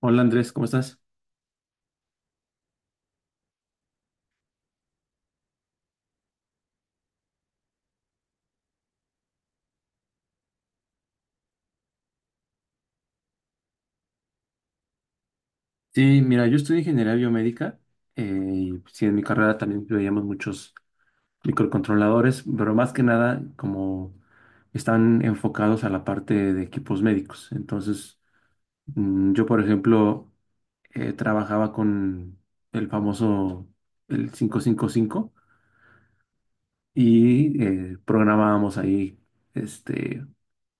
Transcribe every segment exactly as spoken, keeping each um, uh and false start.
Hola Andrés, ¿cómo estás? Sí, mira, yo estudio ingeniería biomédica, eh, y sí, en mi carrera también veíamos muchos microcontroladores, pero más que nada como están enfocados a la parte de equipos médicos. Entonces, mm, yo por ejemplo eh, trabajaba con el famoso el cinco cinco cinco y cinco y eh, programábamos ahí este,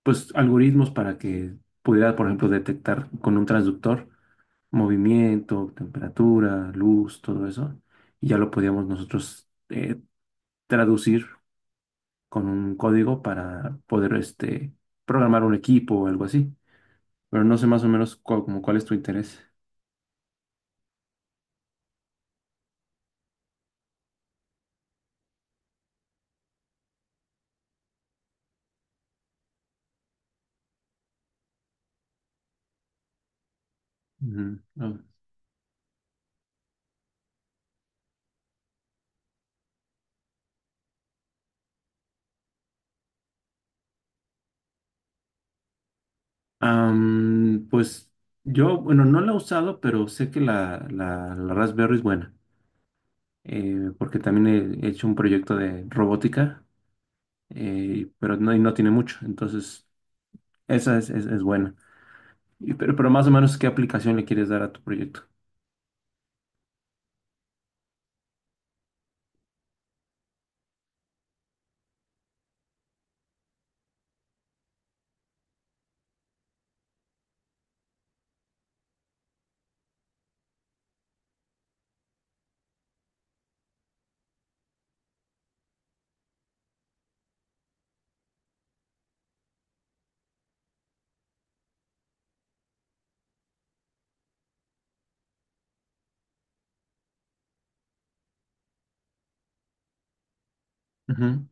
pues algoritmos para que pudiera, por ejemplo, detectar con un transductor movimiento, temperatura, luz, todo eso, y ya lo podíamos nosotros eh, traducir con un código para poder este, programar un equipo o algo así. Pero no sé más o menos cu- como cuál es tu interés. Ujú. Ah. Am, pues yo, bueno, no la he usado, pero sé que la, la, la Raspberry es buena, eh, porque también he hecho un proyecto de robótica, eh, pero no, y no tiene mucho, entonces esa es, es, es buena. Y Pero, pero más o menos, ¿qué aplicación le quieres dar a tu proyecto? Ujú.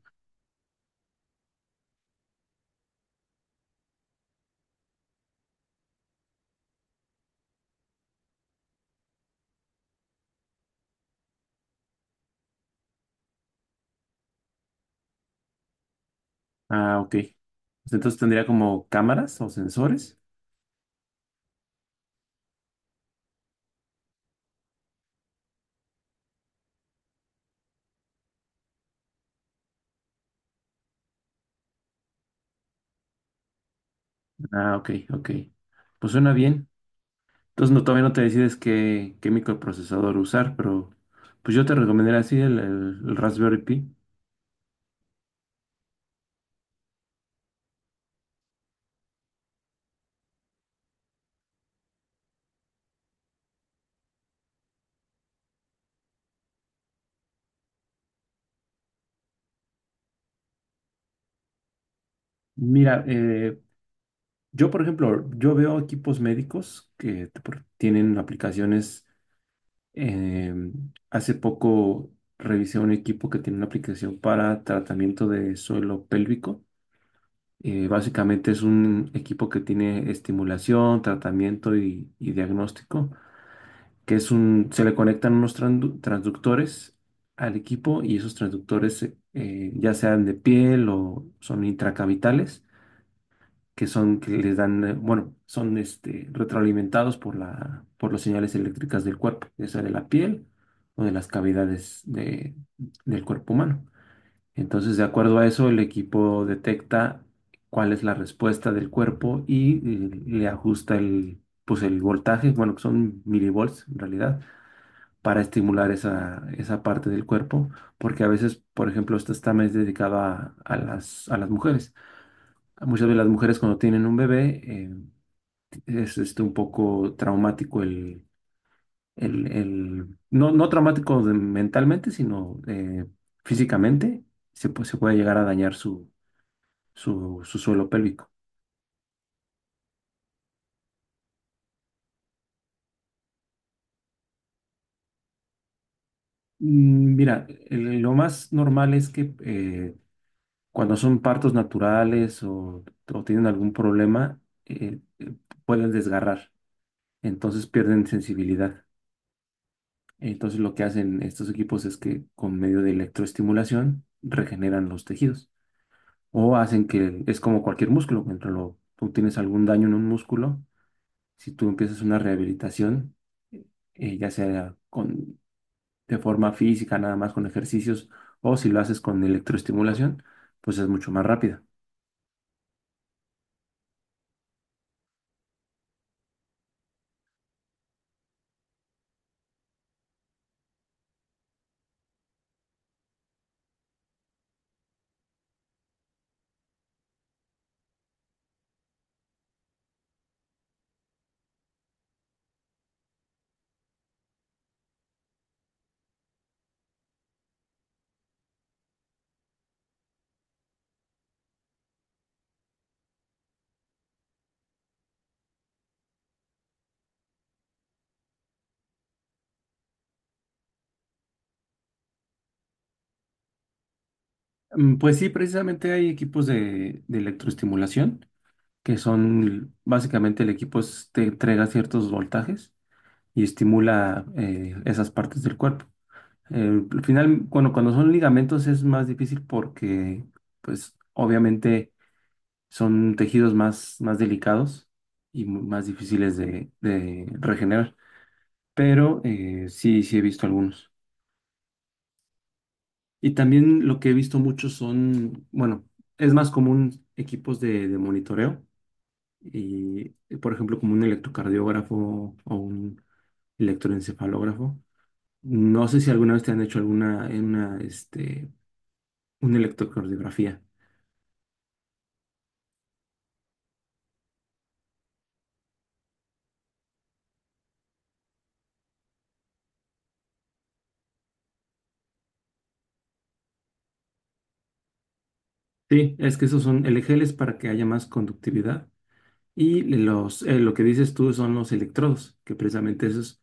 Ah, ok. Pues entonces tendría como cámaras o sensores. Ah, ok, ok. Pues suena bien. Entonces no, todavía no te decides qué, qué microprocesador usar, pero pues yo te recomendaría así el, el- el Raspberry Pi. Mira, eh, yo por ejemplo, yo veo equipos médicos que te pro- tienen aplicaciones. eh, hace poco revisé un equipo que tiene una aplicación para tratamiento de suelo pélvico. Eh, básicamente es un equipo que tiene estimulación, tratamiento y, y diagnóstico, que es un, se le conectan unos trandu- transductores al equipo y esos transductores eh, eh, ya sean de piel o son intracavitales, que son que les dan, eh, bueno, son este, retroalimentados por la, por las señales eléctricas del cuerpo, ya sea de la piel o de las cavidades de- del cuerpo humano. Entonces, de acuerdo a eso, el equipo detecta cuál es la respuesta del cuerpo y eh, le ajusta el, pues el voltaje, bueno, que son milivolts en realidad, para estimular esa, esa parte del cuerpo, porque a veces, por ejemplo, esta está más dedicada a, a las, a las mujeres. Muchas de las mujeres cuando tienen un bebé eh, es este, un poco traumático el, el, el- no, no traumático de- mentalmente, sino eh, físicamente, se, pu- se puede llegar a dañar su, su suelo pélvico. Mm, Mira, el- lo más normal es que eh, cuando son partos naturales o, o tienen algún problema, eh, eh, pueden desgarrar, entonces pierden sensibilidad. Entonces lo que hacen estos equipos es que con medio de electroestimulación regeneran los tejidos o hacen que es como cualquier músculo, cuando lo- tú tienes algún daño en un músculo, si tú empiezas una rehabilitación, eh, ya sea con de forma física, nada más con ejercicios, o si lo haces con electroestimulación, pues es mucho más rápida. Mm, Pues sí, precisamente hay equipos de, de electroestimulación, que son básicamente el equipo es- te entrega ciertos voltajes y estimula eh, esas partes del cuerpo. Eh, al final, cuando, cuando son ligamentos es más difícil porque, pues obviamente son tejidos más, más delicados y mu- más difíciles de de regenerar. Pero eh, sí, sí he visto algunos. Y también lo que he visto mucho son, bueno, es más común equipos de, de monitoreo y, eh, por ejemplo, como un electrocardiógrafo o un electroencefalógrafo. No sé si alguna vez te han hecho alguna, una, este, una electrocardiografía. Sí, es que esos son, el gel es para que haya más conductividad y los, eh, lo que dices tú son los electrodos, que precisamente esos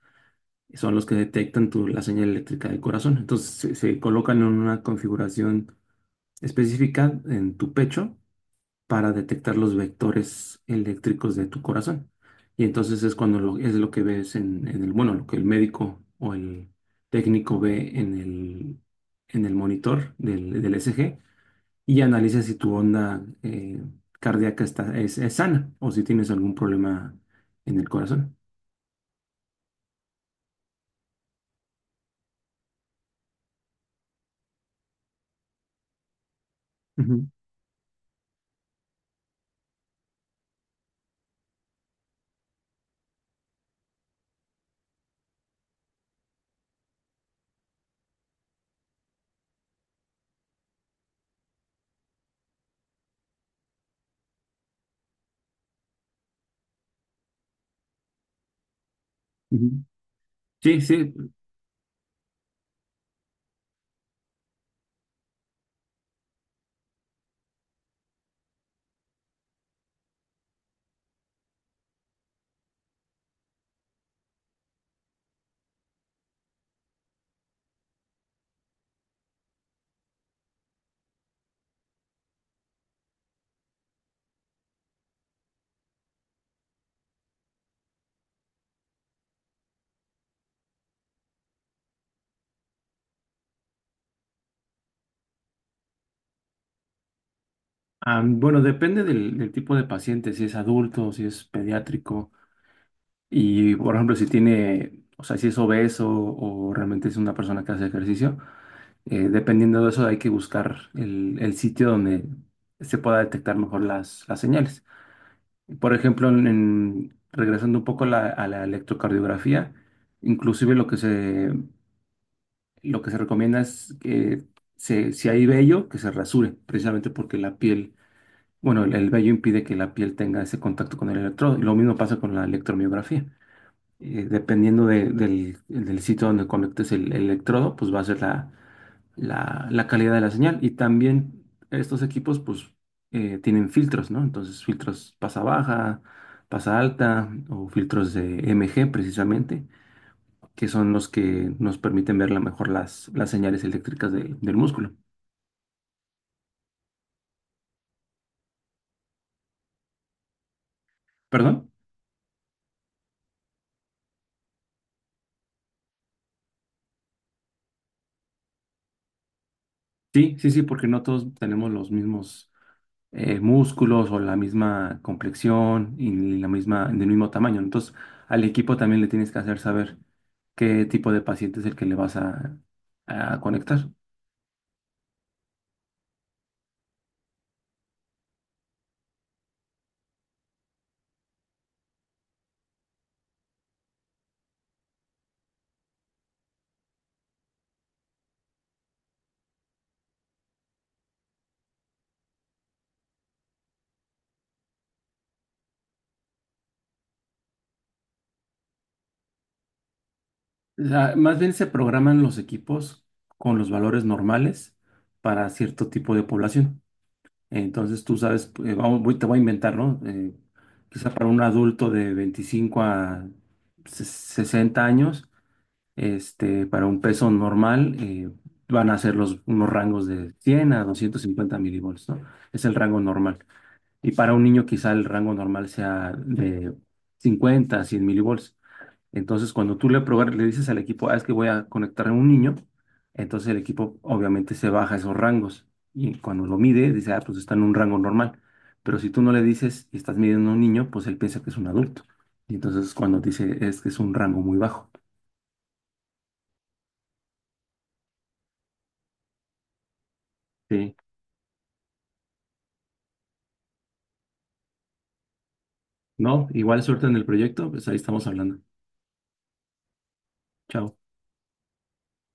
son los que detectan tu, la señal eléctrica del corazón. Entonces se, se colocan en una configuración específica en tu pecho para detectar los vectores eléctricos de tu corazón. Y entonces es cuando lo, es lo que ves en, en el, bueno, lo que el médico o el técnico ve en el, en el monitor del, del E C G y analiza si tu onda eh, cardíaca está, es, es sana o si tienes algún problema en el corazón. Ujú, ujú. Sí, sí. Ah, bueno, depende del, del tipo de paciente, si es adulto, si es pediátrico y, por ejemplo, si tiene, o sea, si es obeso o realmente es una persona que hace ejercicio, eh, dependiendo de eso hay que buscar el, el sitio donde se pueda detectar mejor las, las señales. Por ejemplo, en, en- regresando un poco a la, a la electrocardiografía, inclusive lo que se, lo que se recomienda es que se- si hay vello, que se rasure, precisamente porque la piel, bueno, el, el vello impide que la piel tenga ese contacto con el electrodo. Y lo mismo pasa con la electromiografía. Eh, dependiendo de- del, del sitio donde conectes el, el electrodo, pues va a ser la, la, la calidad de la señal. Y también estos equipos, pues, eh, tienen filtros, ¿no? Entonces, filtros pasa baja, pasa alta, o filtros de M G precisamente, que son los que nos permiten ver la mejor las, las señales eléctricas de- del músculo. ¿Perdón? Sí, sí, sí, porque no todos tenemos los mismos eh, músculos o la misma complexión y la misma, del mismo tamaño. Entonces, al equipo también le tienes que hacer saber qué tipo de paciente es el que le vas a a conectar. La- más bien se programan los equipos con los valores normales para cierto tipo de población. Entonces tú sabes, eh, vamos, voy- te voy a inventar, ¿no? Eh, quizá para un adulto de veinticinco a se- sesenta años, este, para un peso normal, eh, van a ser los, unos rangos de cien a doscientos cincuenta milivolts, ¿no? Es el rango normal. Y para un niño quizá el rango normal sea de cincuenta a cien milivolts. Entonces, cuando tú le, probar- le dices al equipo, ah, es que voy a conectar a un niño, entonces el equipo obviamente se baja esos rangos y cuando lo mide dice, ah, pues está en un rango normal. Pero si tú no le dices y estás midiendo a un niño, pues él piensa que es un adulto. Y entonces cuando dice, es que es un rango muy bajo. Sí. No, igual suerte en el proyecto, pues ahí estamos hablando. Chao.